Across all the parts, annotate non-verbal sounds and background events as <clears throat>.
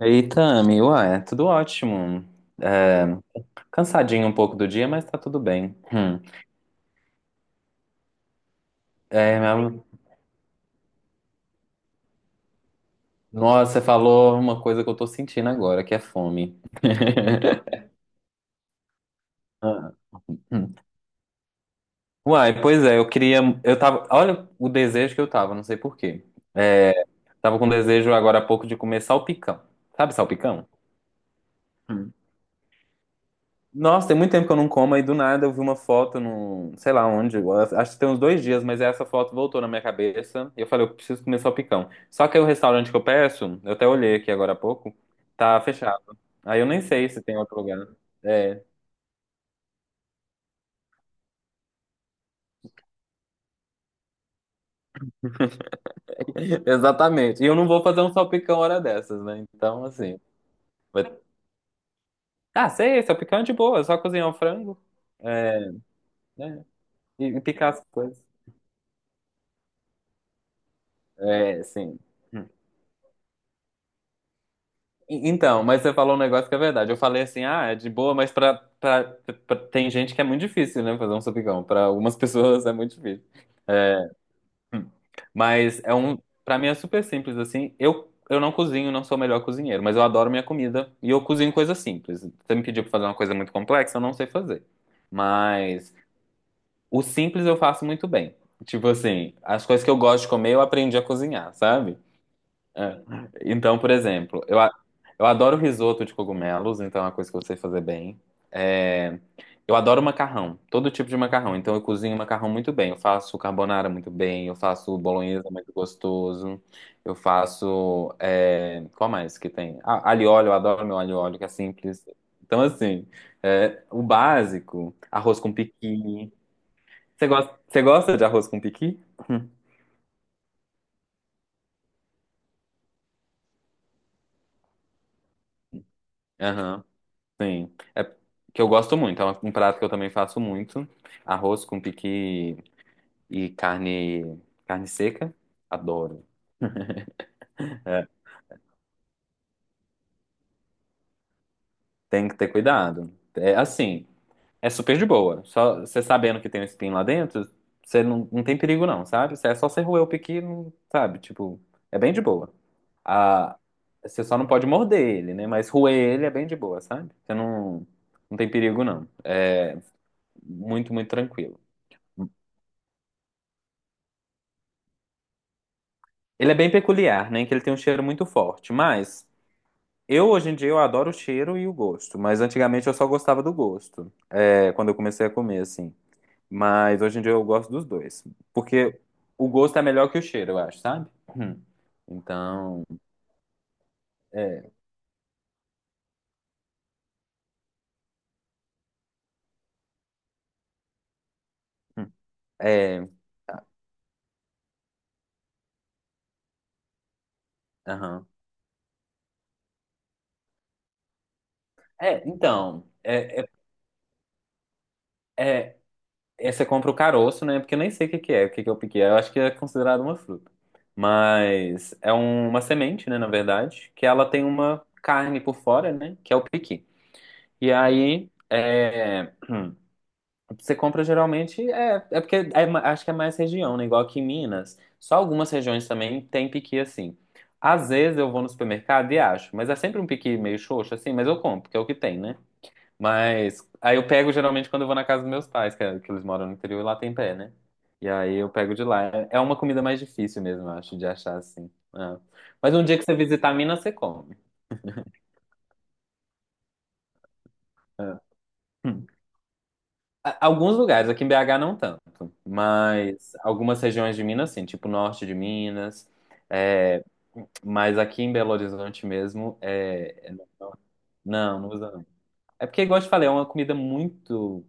Eita, Ami, ué, tudo ótimo. É, cansadinho um pouco do dia, mas tá tudo bem. Hum. É, mas- nossa, você falou uma coisa que eu tô sentindo agora, que é fome. <laughs> Ah, hum. Uai, pois é, eu queria. Eu tava. Olha o desejo que eu tava, não sei por quê. É, tava com desejo agora há pouco de comer salpicão. Sabe salpicão? Nossa, tem muito tempo que eu não como, aí do nada eu vi uma foto no, sei lá onde, eu acho que tem uns dois dias, mas essa foto voltou na minha cabeça e eu falei, eu preciso comer salpicão. Só que aí o restaurante que eu peço, eu até olhei aqui agora há pouco, tá fechado. Aí eu nem sei se tem outro lugar. É, <laughs> exatamente. E eu não vou fazer um salpicão hora dessas, né? Então, assim. vai- Ah, sei, salpicão é de boa, é só cozinhar o frango, é, né? E, picar as coisas. É, sim. Hum. Então, mas você falou um negócio que é verdade. Eu falei assim, ah, é de boa, mas tem gente que é muito difícil, né, fazer um sapicão. Pra algumas <laughs> pessoas é muito difícil. Mas é um, pra mim é super simples assim. Eu não cozinho, não sou o melhor cozinheiro, mas eu adoro minha comida e eu cozinho coisas simples. Você me pediu pra fazer uma coisa muito complexa, eu não sei fazer. Mas o simples eu faço muito bem. Tipo assim, as coisas que eu gosto de comer, eu aprendi a cozinhar, sabe? É. Então, por exemplo, eu adoro risoto de cogumelos, então é uma coisa que eu sei fazer bem. É, eu adoro macarrão, todo tipo de macarrão. Então eu cozinho macarrão muito bem. Eu faço carbonara muito bem, eu faço bolonhesa muito gostoso, eu faço. É, Qual mais que tem? Ah, alho e óleo, eu adoro meu alho e óleo, que é simples. Então, assim, é, o básico, arroz com piqui. Você gosta de arroz com piqui? <laughs> Aham. Sim. É que eu gosto muito, é um prato que eu também faço muito. Arroz com piqui e carne, carne seca. Adoro. É, tem que ter cuidado. É assim, é super de boa. Só você sabendo que tem um espinho lá dentro, você não, não tem perigo não, sabe? É só você roer o piqui, não, sabe? Tipo, é bem de boa. Ah, você só não pode morder ele, né? Mas roer ele é bem de boa, sabe? Você não, não tem perigo não. É muito, muito tranquilo. Ele é bem peculiar, né? Que ele tem um cheiro muito forte. Mas eu hoje em dia eu adoro o cheiro e o gosto. Mas antigamente eu só gostava do gosto. É, quando eu comecei a comer, assim. Mas hoje em dia eu gosto dos dois. Porque o gosto é melhor que o cheiro, eu acho, sabe? Hum. Então, é. Hum, é. Ah, aham. É, então. É, é, é- É, você compra o caroço, né? Porque eu nem sei o que que é, o que que eu piquei. Eu acho que é considerado uma fruta. Mas é uma semente, né? Na verdade, que ela tem uma carne por fora, né? Que é o piqui. E aí, é, <clears throat> você compra geralmente. Acho que é mais região, né? Igual aqui em Minas. Só algumas regiões também tem piqui assim. Às vezes eu vou no supermercado e acho, mas é sempre um piqui meio xoxo, assim, mas eu compro, porque é o que tem, né? Mas aí eu pego geralmente quando eu vou na casa dos meus pais, que eles moram no interior e lá tem pé, né? E aí eu pego de lá. É é uma comida mais difícil mesmo, eu acho, de achar assim. É. Mas um dia que você visitar Minas, você come. É. Hum. Alguns lugares, aqui em BH não tanto, mas algumas regiões de Minas, sim, tipo norte de Minas. é, mas aqui em Belo Horizonte mesmo, não, não usa não. É porque, igual eu te falei, é uma comida muito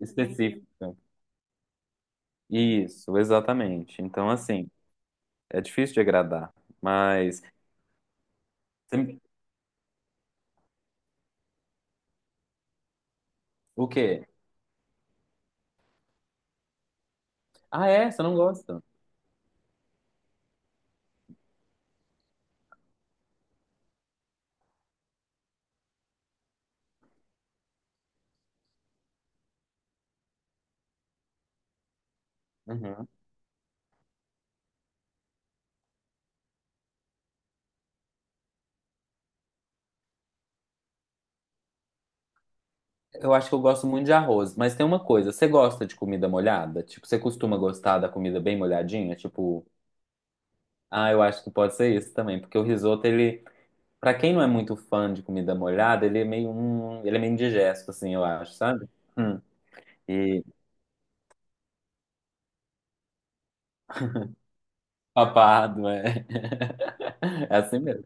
específica. Isso, exatamente. Então, assim. É difícil de agradar, mas Você- o quê? Ah, é? Você não gosta? Uhum. Eu acho que eu gosto muito de arroz, mas tem uma coisa, você gosta de comida molhada? Tipo, você costuma gostar da comida bem molhadinha? Tipo, ah, eu acho que pode ser isso também, porque o risoto, ele, pra quem não é muito fã de comida molhada, ele é meio indigesto, assim, eu acho, sabe? Hum. E papado, é. <laughs> É assim mesmo.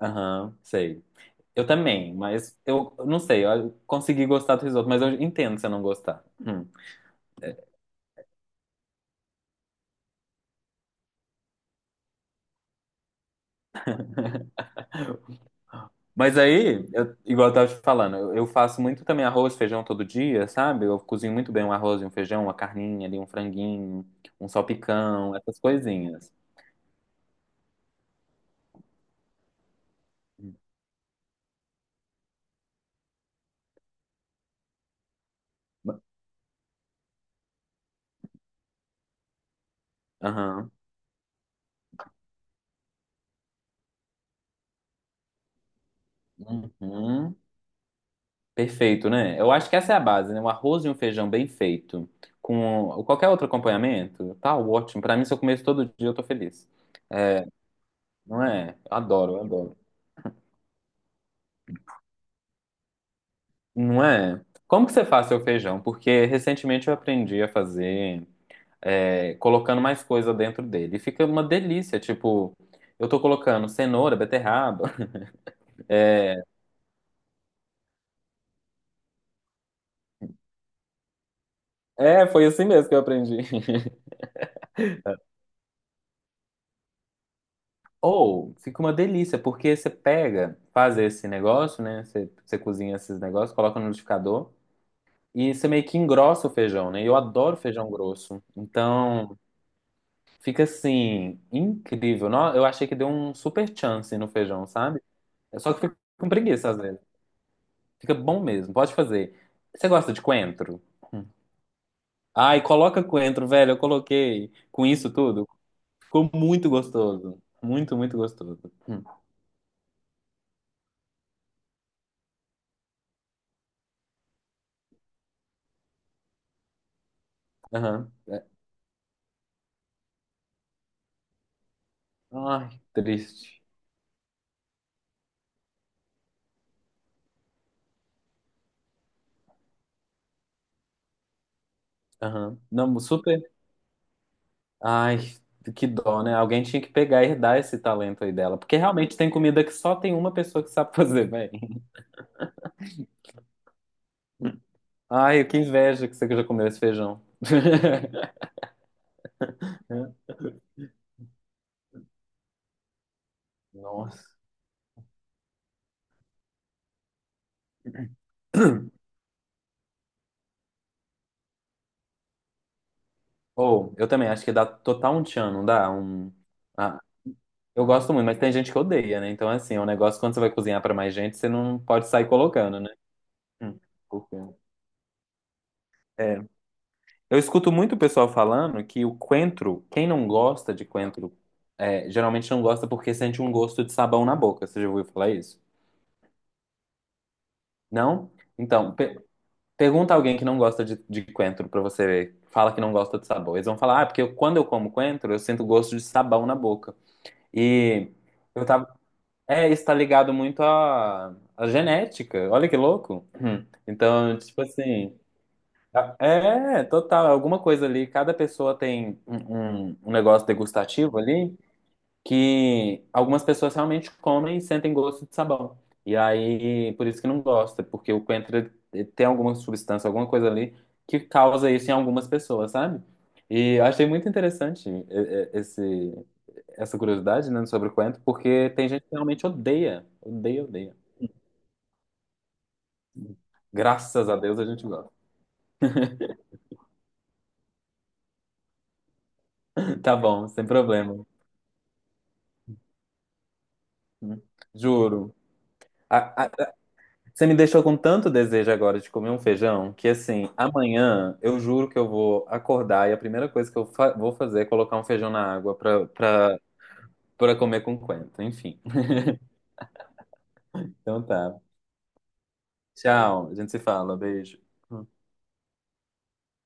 Aham, sei. Eu também, eu não sei, eu consegui gostar do risoto, mas eu entendo se eu não gostar. Hum. Mas aí, igual eu tava te falando, eu faço muito também arroz, feijão todo dia, sabe? Eu cozinho muito bem um arroz e um feijão, uma carninha ali, um franguinho, um salpicão, essas coisinhas. Ma- Aham. Uhum. Perfeito, né? Eu acho que essa é a base, né? Um arroz e um feijão bem feito, com qualquer outro acompanhamento, tá ótimo. Pra mim, se eu comer isso todo dia, eu tô feliz. Não é? Eu adoro, eu adoro. Não é? Como que você faz seu feijão? Porque recentemente eu aprendi a fazer é, colocando mais coisa dentro dele. E fica uma delícia, tipo, eu tô colocando cenoura, beterraba. <laughs> É, foi assim mesmo que eu aprendi. <laughs> Ou fica uma delícia, porque você pega, faz esse negócio, né? Você cozinha esses negócios, coloca no liquidificador e você meio que engrossa o feijão, né? E eu adoro feijão grosso. Então, fica assim, incrível. Eu achei que deu um super chance no feijão, sabe? É só que fica com preguiça às vezes. Fica bom mesmo, pode fazer. Você gosta de coentro? Hum. Ai, coloca coentro, velho. Eu coloquei com isso tudo. Ficou muito gostoso. Muito, muito gostoso. Hum. Aham. É. Ai, triste. Aham. Não, super. Ai, que dó, né? Alguém tinha que pegar e herdar esse talento aí dela. Porque realmente tem comida que só tem uma pessoa que sabe <laughs> fazer, velho. Ai, que inveja que você já comeu esse feijão. <laughs> Nossa. Ou, eu também acho que dá total um tchan, não dá? Um... Ah, eu gosto muito, mas tem gente que odeia, né? Então, assim, é um negócio quando você vai cozinhar pra mais gente, você não pode sair colocando, né? Hum, por quê? É. Eu escuto muito o pessoal falando que o coentro, quem não gosta de coentro, é, geralmente não gosta porque sente um gosto de sabão na boca. Você já ouviu falar isso? Não? Então, pe- pergunta alguém que não gosta de coentro pra você ver. Fala que não gosta de sabor. Eles vão falar, ah, quando eu como coentro, eu sinto gosto de sabão na boca. E eu tava. É, isso tá ligado muito à genética. Olha que louco. Hum. Então, tipo assim. É, total. É Alguma coisa ali. Cada pessoa tem um negócio degustativo ali que algumas pessoas realmente comem e sentem gosto de sabão. E aí, por isso que não gosta, porque o coentro ele tem alguma substância, alguma coisa ali que causa isso em algumas pessoas, sabe? E eu achei muito interessante esse essa curiosidade, né, sobre o Quento, porque tem gente que realmente odeia, odeia, odeia. Graças a Deus a gente gosta. <laughs> Tá bom, sem problema. Juro. A- a- você me deixou com tanto desejo agora de comer um feijão que, assim, amanhã eu juro que eu vou acordar e a primeira coisa que eu vou fazer é colocar um feijão na água pra comer com Quento. Enfim. <laughs> Então tá. Tchau. A gente se fala. Beijo.